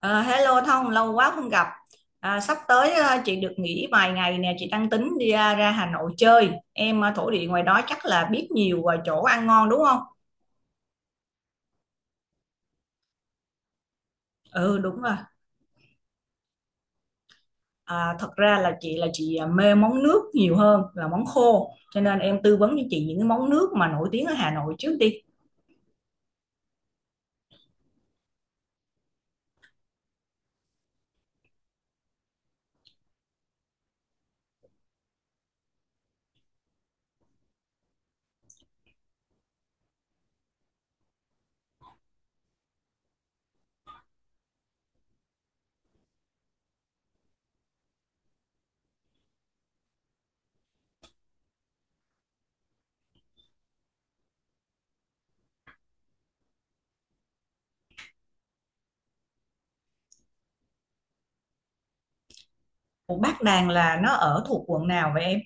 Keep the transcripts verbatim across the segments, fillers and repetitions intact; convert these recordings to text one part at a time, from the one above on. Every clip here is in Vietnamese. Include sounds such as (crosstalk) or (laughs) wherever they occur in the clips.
Ờ, hello Thông, lâu quá không gặp. À, sắp tới ờ, chị được nghỉ vài ngày nè, chị đang tính đi ra, ra Hà Nội chơi. Em ờ, thổ địa ngoài đó chắc là biết nhiều ờ, chỗ ăn ngon đúng không? Ừ, đúng rồi. À, thật ra là chị là chị ờ, mê món nước nhiều hơn là món khô, cho nên em tư vấn cho chị những cái món nước mà nổi tiếng ở Hà Nội trước đi. Ủa, Bát Đàn là nó ở thuộc quận nào vậy em?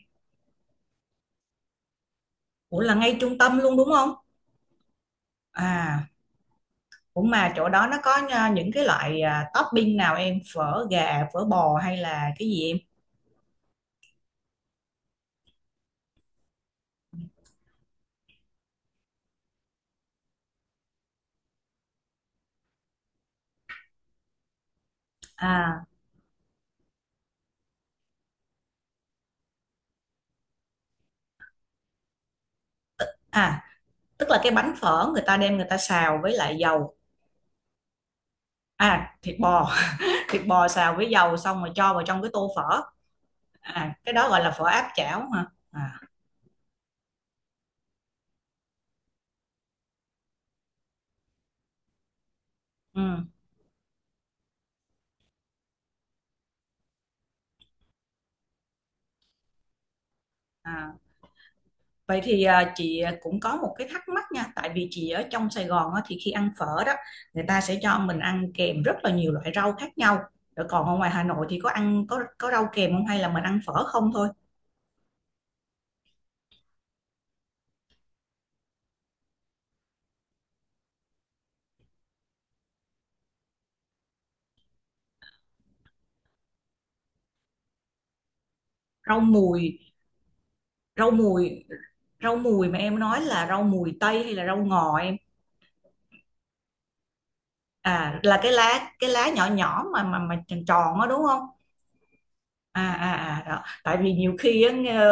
Ủa là ngay trung tâm luôn đúng không? À, cũng mà chỗ đó nó có ờ, những cái loại à, topping nào em, phở gà phở bò hay là cái gì em? à à Tức là cái bánh phở người ta đem người ta xào với lại dầu. À, thịt bò. (laughs) Thịt bò xào với dầu xong rồi cho vào trong cái tô phở. À, cái đó gọi là phở áp chảo hả à? Ừ. À, vậy thì à, chị cũng có một cái thắc mắc nha, tại vì chị ở trong Sài Gòn á, thì khi ăn phở đó người ta sẽ cho mình ăn kèm rất là nhiều loại rau khác nhau. Rồi còn ở ngoài Hà Nội thì có ăn có có rau kèm không hay là mình ăn phở không thôi? Rau mùi, rau mùi. Rau mùi mà em nói là rau mùi tây hay là rau ngò em? À, là cái lá, cái lá nhỏ nhỏ mà mà mà tròn tròn á đúng không? À à à đó. Tại vì nhiều khi á, nghe-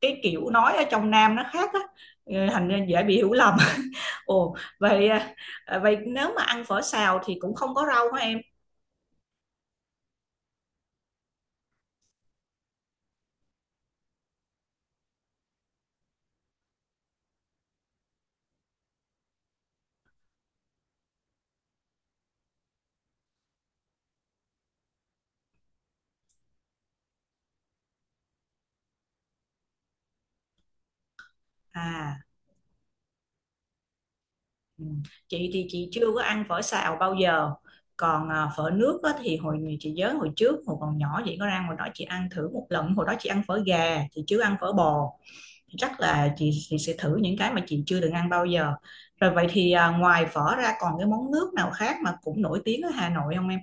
cái kiểu nói ở trong Nam nó khác á, ờ, thành ra dễ bị hiểu lầm. (laughs) Ồ vậy à? À, vậy nếu mà ăn phở xào thì cũng không có rau hả em? À, ừ. Chị thì chị chưa có ăn phở xào bao giờ. Còn à, phở nước á, thì hồi chị nhớ, hồi trước hồi còn nhỏ chị có ra ngoài đó chị ăn thử một lần, hồi đó chị ăn phở gà chị chưa ăn phở bò. Chắc là chị chị sẽ thử những cái mà chị chưa từng ăn bao giờ. Rồi vậy thì à, ngoài phở ra còn cái món nước nào khác mà cũng nổi tiếng ở Hà Nội không em?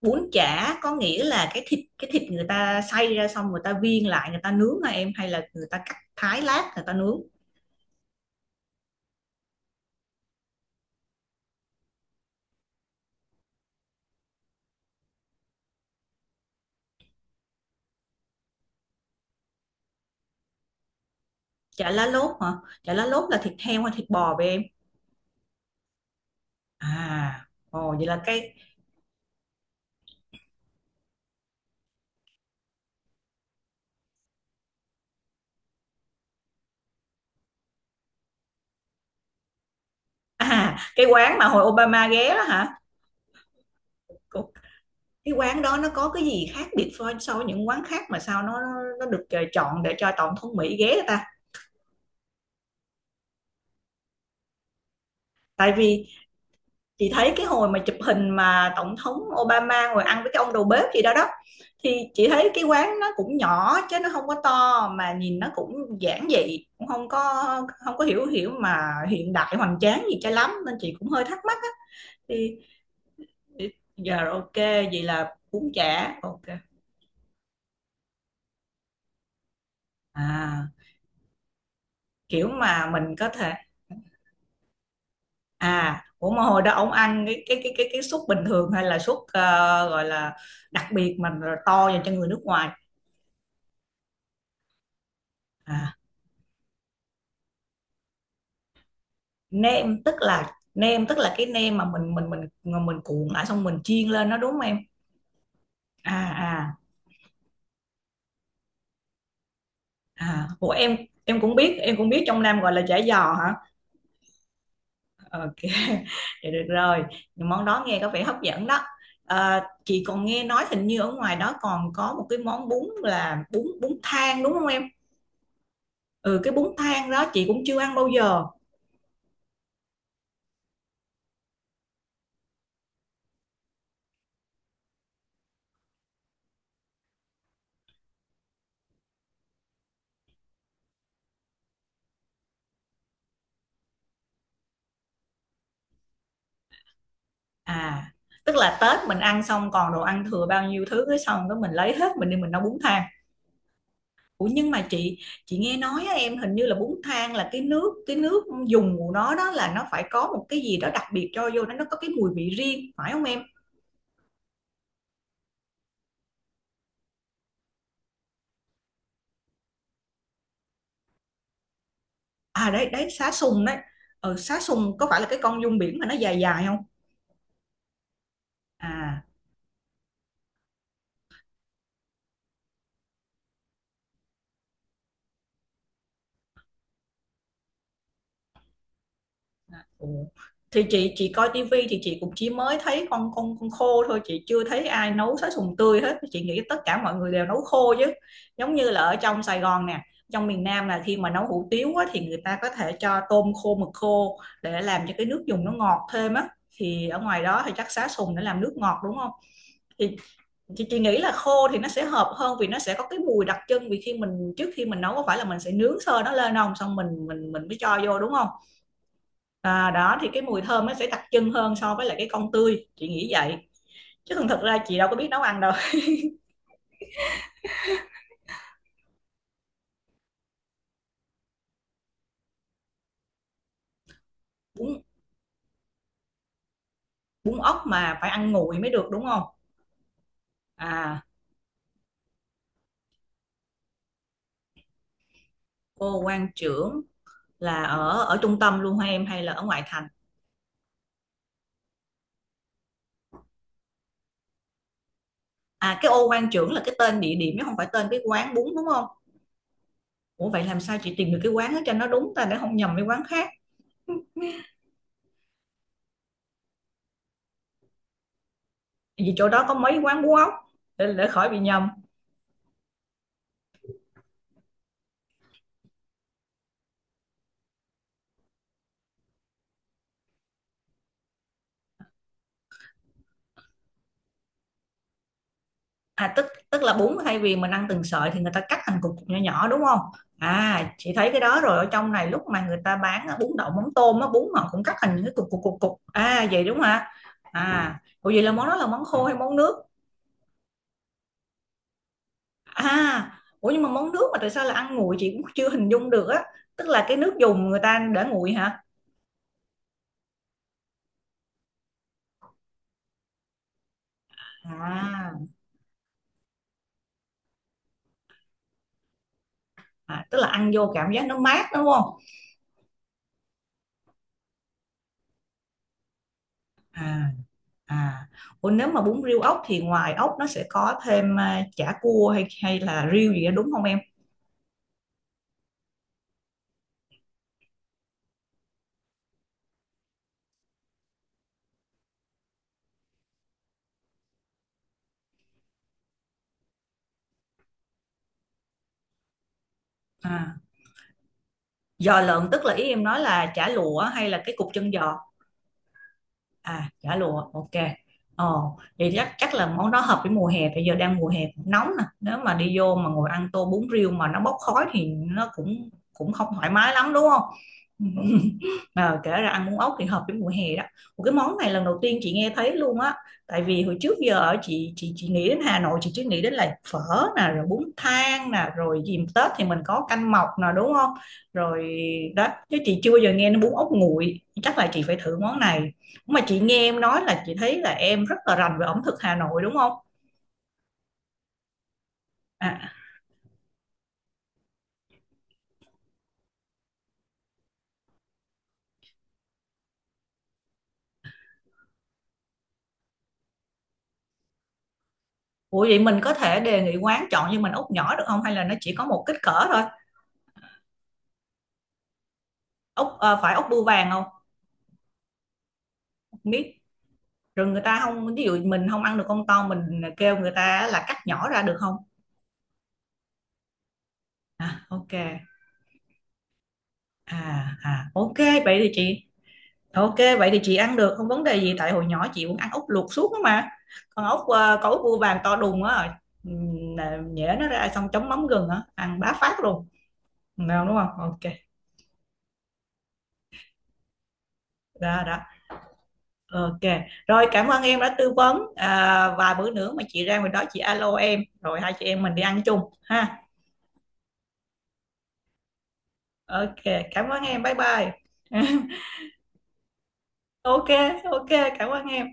Bún chả có nghĩa là cái thịt cái thịt người ta xay ra xong người ta viên lại người ta nướng hả em, hay là người ta cắt thái lát người ta nướng? Chả lá lốt hả? Chả lá lốt là thịt heo hay thịt bò vậy em? À, ồ vậy là cái. À, cái quán mà hồi Obama ghé đó hả? Cô- cái quán đó nó có cái gì khác biệt so so với những quán khác mà sao nó nó nó được ờ, chọn để cho tổng thống Mỹ ghé? Tại vì chị thấy cái hồi mà chụp hình mà tổng thống Obama ngồi ăn với cái ông đầu bếp gì đó đó, thì chị thấy cái quán nó cũng nhỏ chứ nó không có to, mà nhìn nó cũng giản dị, cũng không có, không có hiểu hiểu mà hiện đại hoành tráng gì cho lắm, nên chị cũng hơi thắc mắc á. Thì giờ rồi, ok, vậy là bún chả ok. À, kiểu mà mình có thể. À, ủa mà hồi đó ông ăn cái cái cái cái cái suất bình thường hay là suất ờ, gọi là đặc biệt mà to dành cho người nước ngoài? À, nêm tức là nêm tức là cái nêm mà mình mình mình mà mình cuộn lại xong mình chiên lên nó đúng không em? à à à của em em cũng biết, em cũng biết trong Nam gọi là chả giò hả? Ok. (laughs) Vậy được rồi. Nhưng món đó nghe có vẻ hấp dẫn đó. À, chị còn nghe nói hình như ở ngoài đó còn có một cái món bún là bún bún thang đúng không em? Ừ, cái bún thang đó chị cũng chưa ăn bao giờ. À, tức là Tết mình ăn xong còn đồ ăn thừa bao nhiêu thứ, cái xong cái mình lấy hết mình đi mình nấu bún thang? Ủa nhưng mà chị chị nghe nói á, em hình như là bún thang là cái nước cái nước dùng của nó đó, là nó phải có một cái gì đó đặc biệt cho vô, nó nó có cái mùi vị riêng phải không em? À đấy đấy, xá sùng đấy. Ờ, xá sùng có phải là cái con giun biển mà nó dài dài không? À. Ồ. Thì chị chị coi tivi thì chị cũng chỉ mới thấy con con con khô thôi, chị chưa thấy ai nấu sá sùng tươi hết, chị nghĩ tất cả mọi người đều nấu khô chứ. Giống như là ở trong Sài Gòn nè, trong miền Nam là khi mà nấu hủ tiếu á, thì người ta có thể cho tôm khô mực khô để làm cho cái nước dùng nó ngọt thêm á. Thì ở ngoài đó thì chắc sá sùng để làm nước ngọt đúng không? Thì chị, chị nghĩ là khô thì nó sẽ hợp hơn vì nó sẽ có cái mùi đặc trưng, vì khi mình trước khi mình nấu có phải là mình sẽ nướng sơ nó lên không, xong mình mình mình mới cho vô đúng không? À, đó thì cái mùi thơm nó sẽ đặc trưng hơn so với lại cái con tươi, chị nghĩ vậy. Chứ thường thực ra chị đâu có biết nấu ăn đâu. (laughs) bún bún ốc mà phải ăn nguội mới được đúng không? À, ô quan trưởng. Là ở ở trung tâm luôn hả em hay là ở ngoại thành? À, cái ô quan trưởng là cái tên địa điểm chứ không phải tên cái quán bún đúng không? Ủa vậy làm sao chị tìm được cái quán đó cho nó đúng ta, để không nhầm với quán khác? Vì chỗ đó có mấy quán bún ốc, để, để khỏi bị nhầm. À, tức tức là bún thay vì mình ăn từng sợi thì người ta cắt thành cục cục nhỏ nhỏ đúng không? À, chị thấy cái đó rồi, ở trong này lúc mà người ta bán bún đậu mắm tôm á, bún họ cũng cắt thành những cái cục cục cục cục à, vậy đúng không? À, ủa vậy là món đó là món khô hay món nước? À, ủa nhưng mà món nước mà tại sao là ăn nguội, chị cũng chưa hình dung được á. Tức là cái nước dùng người ta để nguội hả? à, À, tức là ăn vô cảm giác nó mát đúng không? à À, ủa nếu mà bún riêu ốc thì ngoài ốc nó sẽ có thêm à, chả cua hay hay là riêu gì đó đúng không em? À, giò lợn tức là ý em nói là chả lụa hay là cái cục chân giò? À, chả lụa ok. ờ Vậy chắc chắc là món đó hợp với mùa hè, bây giờ đang mùa hè cũng nóng nè, nếu mà đi vô mà ngồi ăn tô bún riêu mà nó bốc khói thì nó cũng cũng không thoải mái lắm đúng không? (laughs) Ờ, Kể ra ăn bún ốc thì hợp với mùa hè đó. Một cái món này lần đầu tiên chị nghe thấy luôn á, tại vì hồi trước giờ ở chị chị chị nghĩ đến Hà Nội, chị chỉ nghĩ đến là phở nè, rồi bún thang nè, rồi dìm Tết thì mình có canh mọc nè đúng không? Rồi đó, chứ chị chưa bao giờ nghe đến bún ốc nguội, chắc là chị phải thử món này. Mà chị nghe em nói là chị thấy là em rất là rành về ẩm thực Hà Nội đúng không? À, ủa vậy mình có thể đề nghị quán chọn cho mình ốc nhỏ được không? Hay là nó chỉ có một kích cỡ thôi? Ốc ờ, phải ốc bươu vàng không? Không biết. Rồi người ta không, ví dụ mình không ăn được con to mình kêu người ta là cắt nhỏ ra được không? À, ok. À, à, ok vậy thì chị. Ok vậy thì chị ăn được không vấn đề gì, tại hồi nhỏ chị cũng ăn ốc luộc suốt á mà. Còn ốc ờ, có ốc bươu vàng to đùng á, ừm, nhễ nó ra xong chấm mắm gừng á ăn bá phát luôn. Nào đúng không? Ok, đó đó. Ok. Rồi cảm ơn em đã tư vấn à, và bữa nữa mà chị ra ngoài đó chị alo em rồi hai chị em mình đi ăn chung ha. Ok, cảm ơn em. Bye bye. (laughs) Ok, ok, cảm ơn em.